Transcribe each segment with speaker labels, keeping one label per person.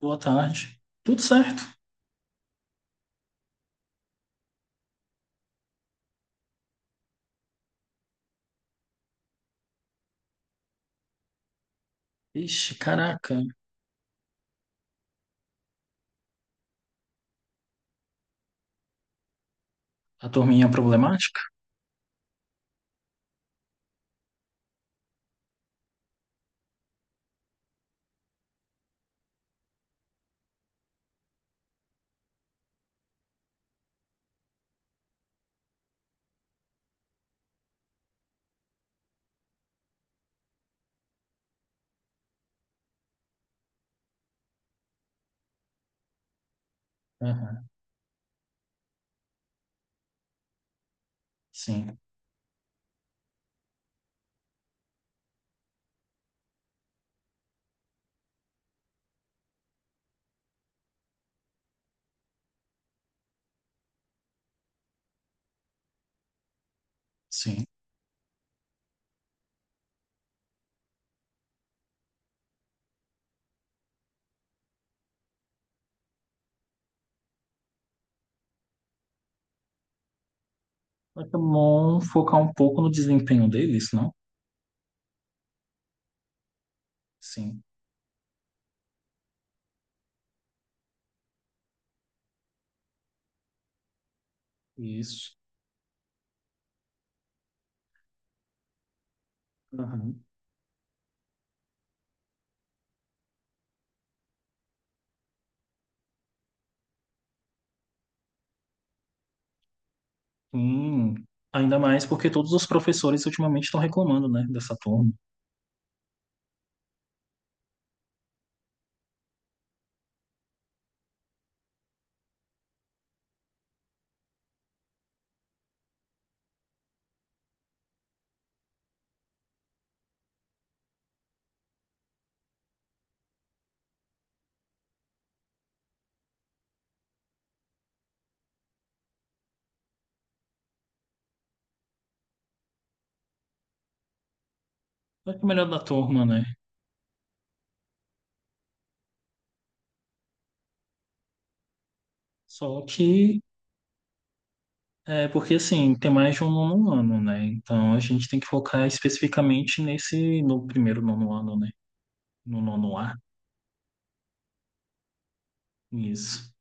Speaker 1: Boa tarde. Tudo certo? Ixi, caraca. A turminha problemática? Aham. Sim, sim. Mas é bom focar um pouco no desempenho deles, não? Sim, isso. Aham. Sim. Ainda mais porque todos os professores ultimamente estão reclamando, né, dessa turma. Só que é o melhor da turma, né? Só que é porque assim, tem mais de um nono ano, né? Então a gente tem que focar especificamente nesse no primeiro nono ano, né? No nono A. Isso.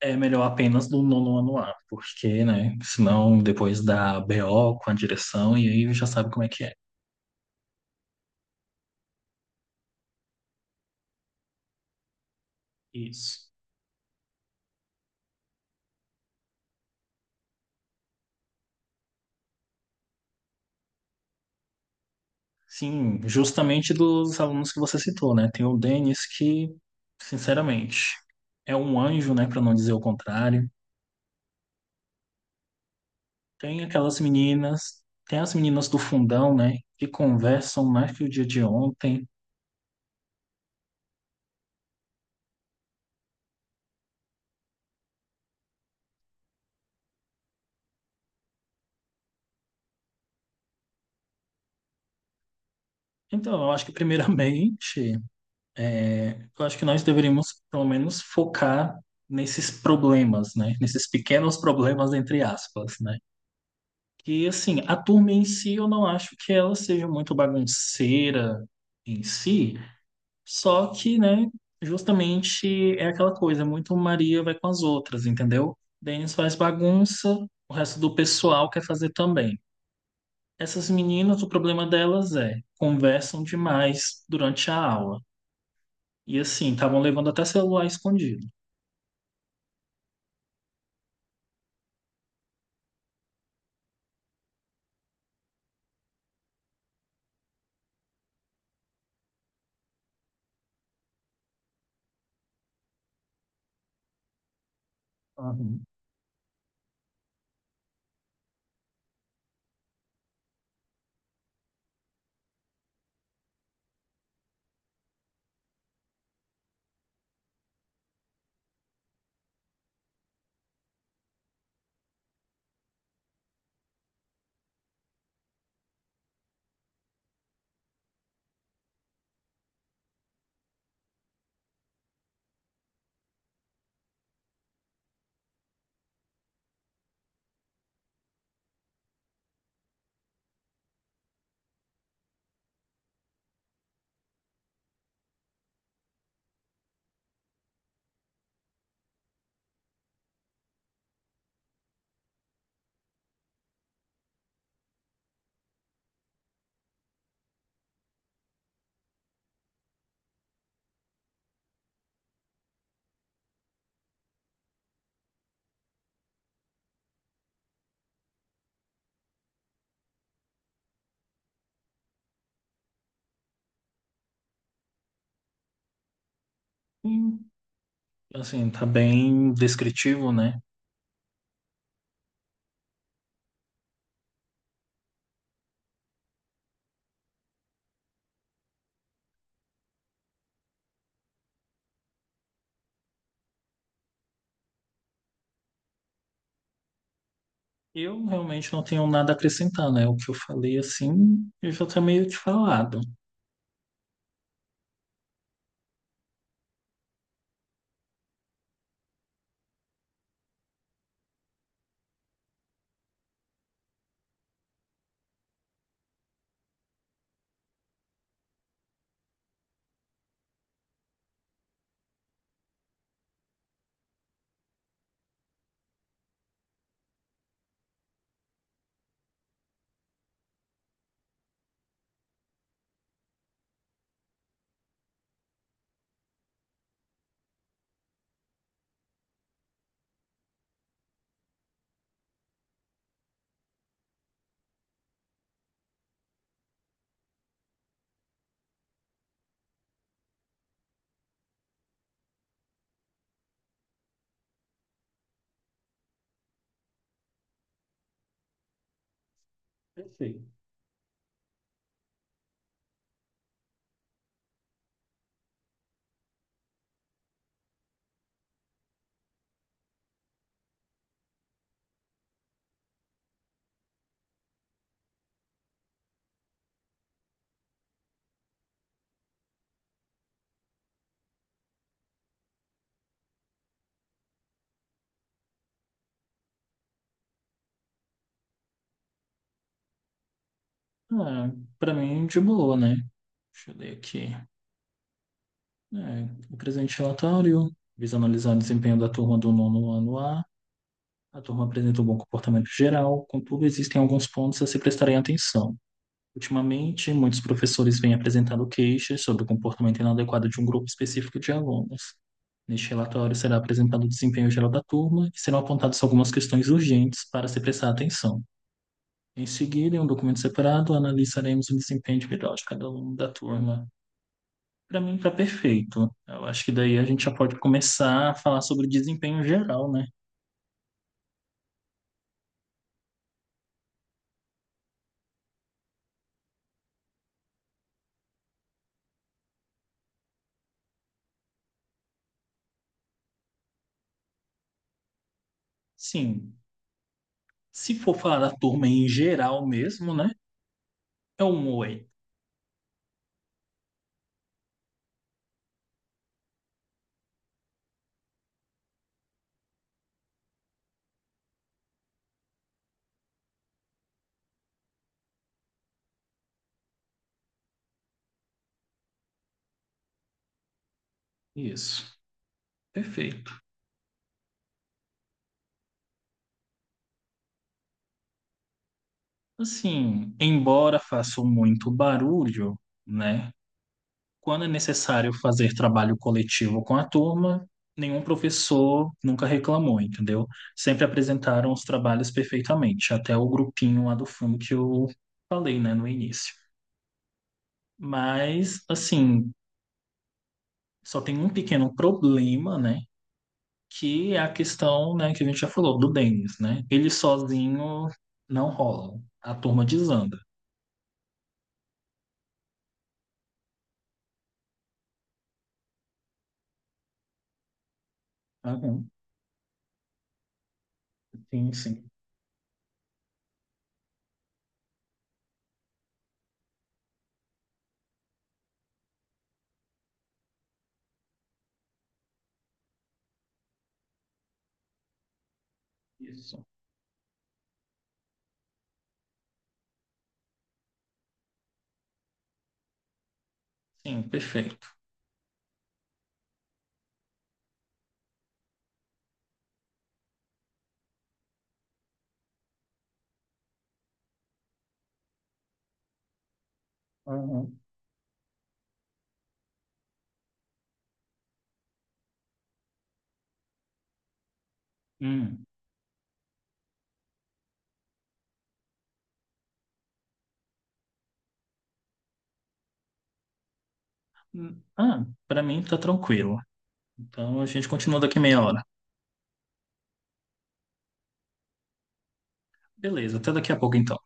Speaker 1: É melhor apenas do nono ano A, porque, né? Senão depois dá BO com a direção e aí já sabe como é que é. Isso. Sim, justamente dos alunos que você citou, né? Tem o Denis que, sinceramente, é um anjo, né? Para não dizer o contrário. Tem aquelas meninas, tem as meninas do fundão, né? Que conversam mais que o dia de ontem. Então, eu acho que primeiramente é, eu acho que nós deveríamos, pelo menos, focar nesses problemas, né? Nesses pequenos problemas, entre aspas, né? Que, assim, a turma em si, eu não acho que ela seja muito bagunceira em si, só que, né, justamente é aquela coisa, é muito Maria vai com as outras, entendeu? Denis faz bagunça, o resto do pessoal quer fazer também. Essas meninas, o problema delas é conversam demais durante a aula. E assim, estavam levando até celular escondido. Uhum. Sim, assim, tá bem descritivo, né? Eu realmente não tenho nada a acrescentar, né? O que eu falei, assim, eu já tá meio te falado. Perfeito. Ah, pra mim, de boa, né? Deixa eu ler aqui. É, o presente relatório visa analisar o desempenho da turma do nono ano A. A turma apresenta um bom comportamento geral, contudo, existem alguns pontos a se prestarem atenção. Ultimamente, muitos professores vêm apresentando queixas sobre o comportamento inadequado de um grupo específico de alunos. Neste relatório será apresentado o desempenho geral da turma e serão apontadas algumas questões urgentes para se prestar atenção. Em seguida, em um documento separado, analisaremos o desempenho individual de cada aluno da turma. Para mim, está perfeito. Eu acho que daí a gente já pode começar a falar sobre o desempenho geral, né? Sim, se for falar da turma em geral mesmo, né? É um oi. Isso, perfeito. Assim, embora faça muito barulho, né? Quando é necessário fazer trabalho coletivo com a turma, nenhum professor nunca reclamou, entendeu? Sempre apresentaram os trabalhos perfeitamente, até o grupinho lá do fundo que eu falei, né, no início. Mas, assim, só tem um pequeno problema, né, que é a questão, né, que a gente já falou, do Denis, né? Ele sozinho não rola, a turma desanda. Aham. Sim. Isso. Sim, perfeito. Aham. Hum. Ah, para mim tá tranquilo. Então a gente continua daqui meia hora. Beleza, até daqui a pouco então.